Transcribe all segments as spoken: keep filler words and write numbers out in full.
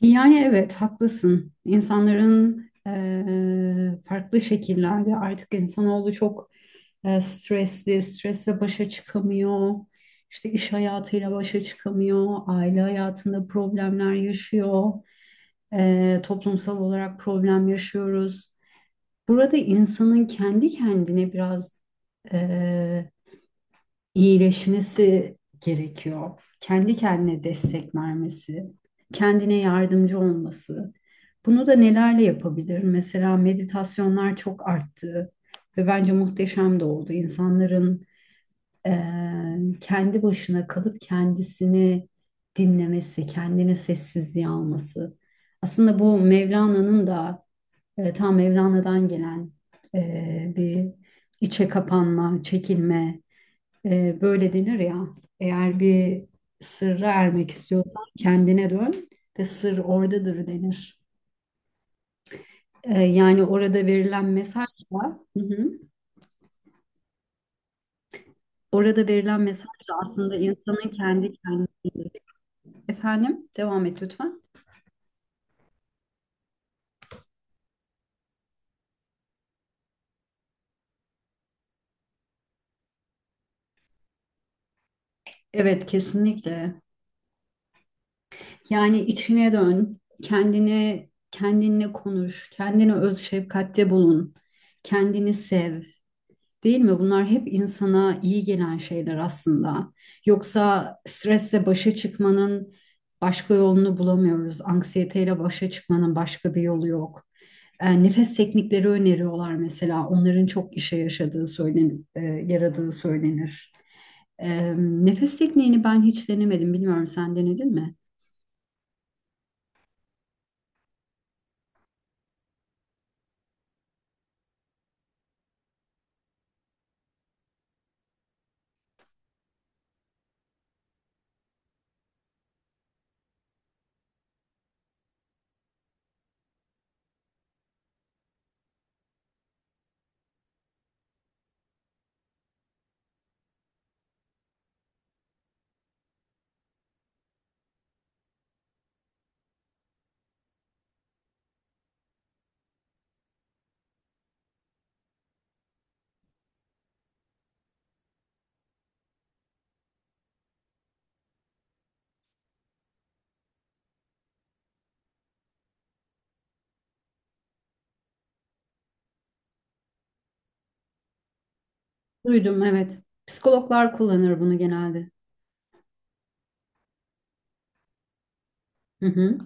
Yani evet haklısın. İnsanların eee, farklı şekillerde artık insanoğlu çok eee, stresli, stresle başa çıkamıyor. İşte iş hayatıyla başa çıkamıyor. Aile hayatında problemler yaşıyor. Eee, toplumsal olarak problem yaşıyoruz. Burada insanın kendi kendine biraz iyileşmesi gerekiyor. Kendi kendine destek vermesi, kendine yardımcı olması. Bunu da nelerle yapabilir? Mesela meditasyonlar çok arttı ve bence muhteşem de oldu. İnsanların eee, kendi başına kalıp kendisini dinlemesi, kendine sessizliğe alması. Aslında bu Mevlana'nın da e, tam Mevlana'dan gelen e, bir içe kapanma, çekilme, ee, böyle denir ya, eğer bir sırra ermek istiyorsan kendine dön ve sır oradadır denir. Ee, yani orada verilen mesajla, hı hı, orada verilen mesajla aslında insanın kendi kendine efendim, devam et lütfen. Evet, kesinlikle. Yani içine dön, kendine kendinle konuş, kendine öz şefkatte bulun, kendini sev. Değil mi? Bunlar hep insana iyi gelen şeyler aslında. Yoksa stresle başa çıkmanın başka yolunu bulamıyoruz. Anksiyeteyle başa çıkmanın başka bir yolu yok. E, nefes teknikleri öneriyorlar mesela. Onların çok işe yaşadığı söylen, e, yaradığı söylenir. E, nefes tekniğini ben hiç denemedim. Bilmiyorum sen denedin mi? Duydum evet. Psikologlar kullanır bunu genelde. Hı hı.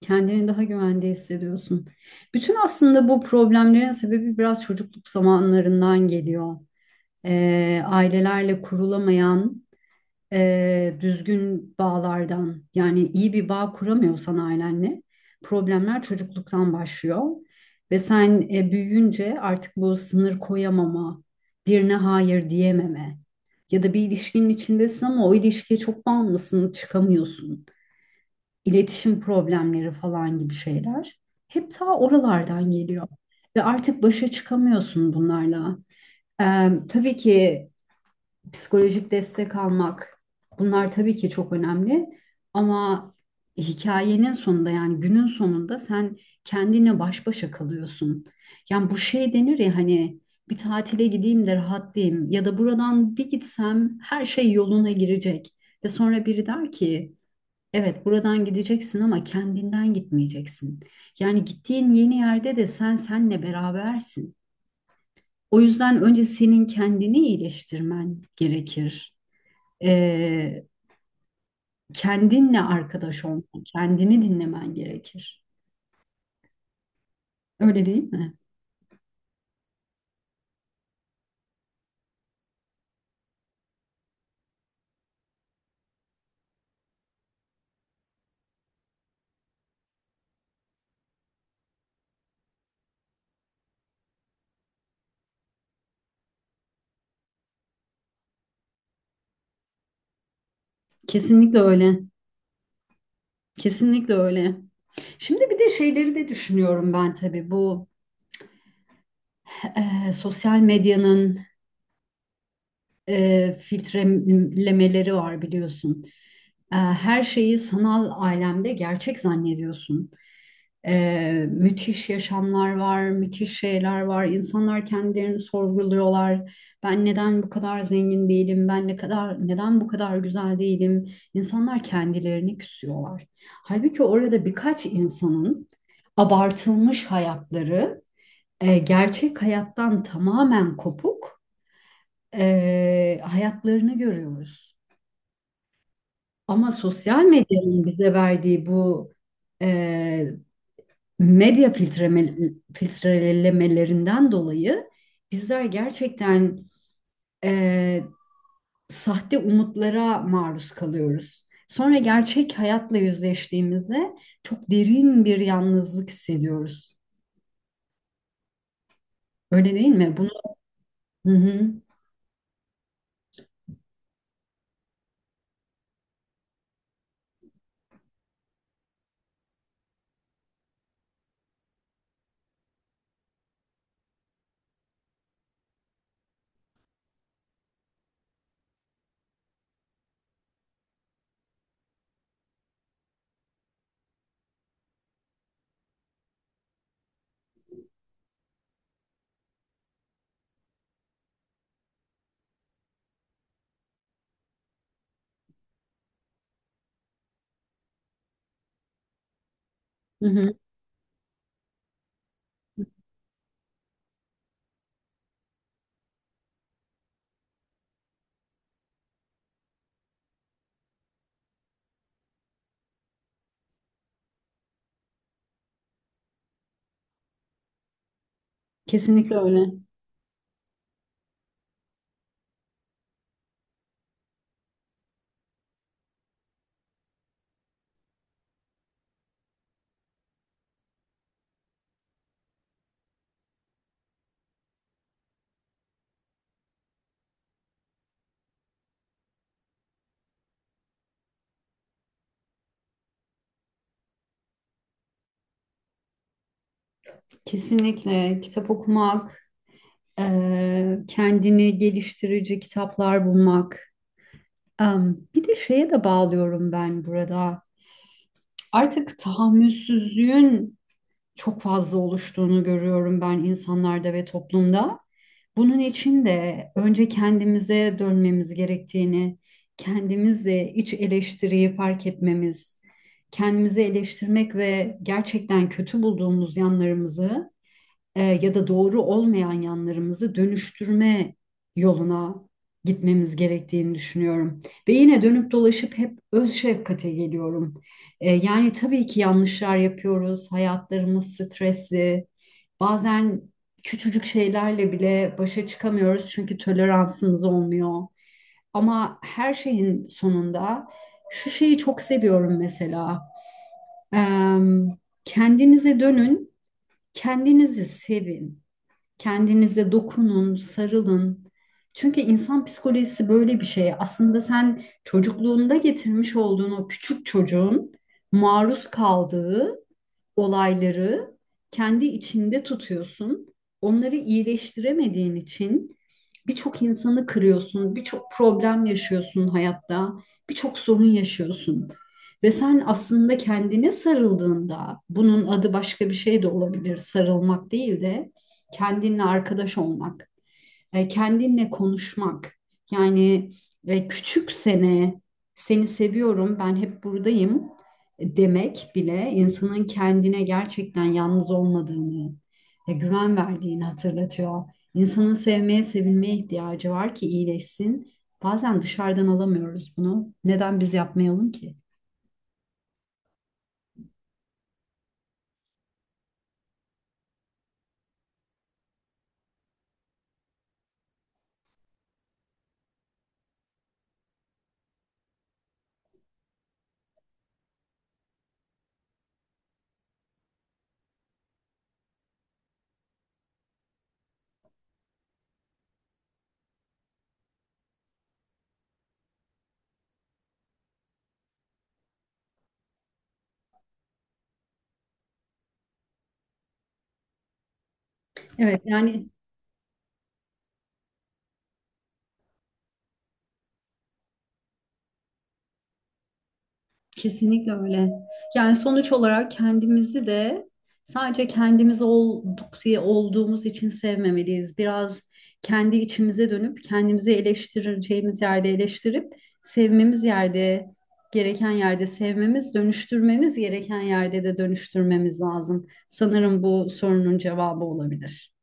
Kendini daha güvende hissediyorsun. Bütün aslında bu problemlerin sebebi biraz çocukluk zamanlarından geliyor. Ee, ailelerle kurulamayan e, düzgün bağlardan yani iyi bir bağ kuramıyorsan ailenle problemler çocukluktan başlıyor. Ve sen e, büyüyünce artık bu sınır koyamama, birine hayır diyememe ya da bir ilişkinin içindesin ama o ilişkiye çok bağımlısın, çıkamıyorsun iletişim problemleri falan gibi şeyler hep ta oralardan geliyor. Ve artık başa çıkamıyorsun bunlarla. Ee, tabii ki psikolojik destek almak bunlar tabii ki çok önemli. Ama hikayenin sonunda yani günün sonunda sen kendine baş başa kalıyorsun. Yani bu şey denir ya hani bir tatile gideyim de rahatlayayım ya da buradan bir gitsem her şey yoluna girecek. Ve sonra biri der ki evet, buradan gideceksin ama kendinden gitmeyeceksin. Yani gittiğin yeni yerde de sen senle berabersin. O yüzden önce senin kendini iyileştirmen gerekir. Ee, Kendinle arkadaş olman, kendini dinlemen gerekir. Öyle değil mi? Kesinlikle öyle. Kesinlikle öyle. Şimdi bir de şeyleri de düşünüyorum ben tabii bu e, sosyal medyanın e, filtrelemeleri var biliyorsun. E, her şeyi sanal alemde gerçek zannediyorsun. E, müthiş yaşamlar var, müthiş şeyler var. İnsanlar kendilerini sorguluyorlar. Ben neden bu kadar zengin değilim? Ben ne kadar neden bu kadar güzel değilim? İnsanlar kendilerini küsüyorlar. Halbuki orada birkaç insanın abartılmış hayatları e, gerçek hayattan tamamen kopuk e, hayatlarını görüyoruz. Ama sosyal medyanın bize verdiği bu e, medya filtreme, filtrelemelerinden dolayı bizler gerçekten e, sahte umutlara maruz kalıyoruz. Sonra gerçek hayatla yüzleştiğimizde çok derin bir yalnızlık hissediyoruz. Öyle değil mi? Bunu hı hı, hı hı. Kesinlikle öyle. Kesinlikle kitap okumak. Ee, kendini geliştirici kitaplar bulmak. Em, bir de şeye de bağlıyorum ben burada. Artık tahammülsüzlüğün çok fazla oluştuğunu görüyorum ben insanlarda ve toplumda. Bunun için de önce kendimize dönmemiz gerektiğini, kendimizle iç eleştiriyi fark etmemiz, kendimizi eleştirmek ve gerçekten kötü bulduğumuz yanlarımızı e, ya da doğru olmayan yanlarımızı dönüştürme yoluna gitmemiz gerektiğini düşünüyorum. Ve yine dönüp dolaşıp hep öz şefkate geliyorum. E, yani tabii ki yanlışlar yapıyoruz, hayatlarımız stresli, bazen küçücük şeylerle bile başa çıkamıyoruz çünkü toleransımız olmuyor. Ama her şeyin sonunda şu şeyi çok seviyorum mesela. Em, Kendinize dönün, kendinizi sevin. Kendinize dokunun, sarılın. Çünkü insan psikolojisi böyle bir şey. Aslında sen çocukluğunda getirmiş olduğun o küçük çocuğun maruz kaldığı olayları kendi içinde tutuyorsun. Onları iyileştiremediğin için birçok insanı kırıyorsun, birçok problem yaşıyorsun hayatta, birçok sorun yaşıyorsun. Ve sen aslında kendine sarıldığında, bunun adı başka bir şey de olabilir, sarılmak değil de kendinle arkadaş olmak e, kendinle konuşmak. Yani e, küçük sene seni seviyorum, ben hep buradayım demek bile insanın kendine gerçekten yalnız olmadığını, e, güven verdiğini hatırlatıyor. İnsanın sevmeye, sevilmeye ihtiyacı var ki iyileşsin. Bazen dışarıdan alamıyoruz bunu. Neden biz yapmayalım ki? Evet, yani kesinlikle öyle. Yani sonuç olarak kendimizi de sadece kendimiz olduk diye olduğumuz için sevmemeliyiz. Biraz kendi içimize dönüp kendimizi eleştireceğimiz yerde eleştirip sevmemiz yerde gereken yerde sevmemiz, dönüştürmemiz gereken yerde de dönüştürmemiz lazım. Sanırım bu sorunun cevabı olabilir.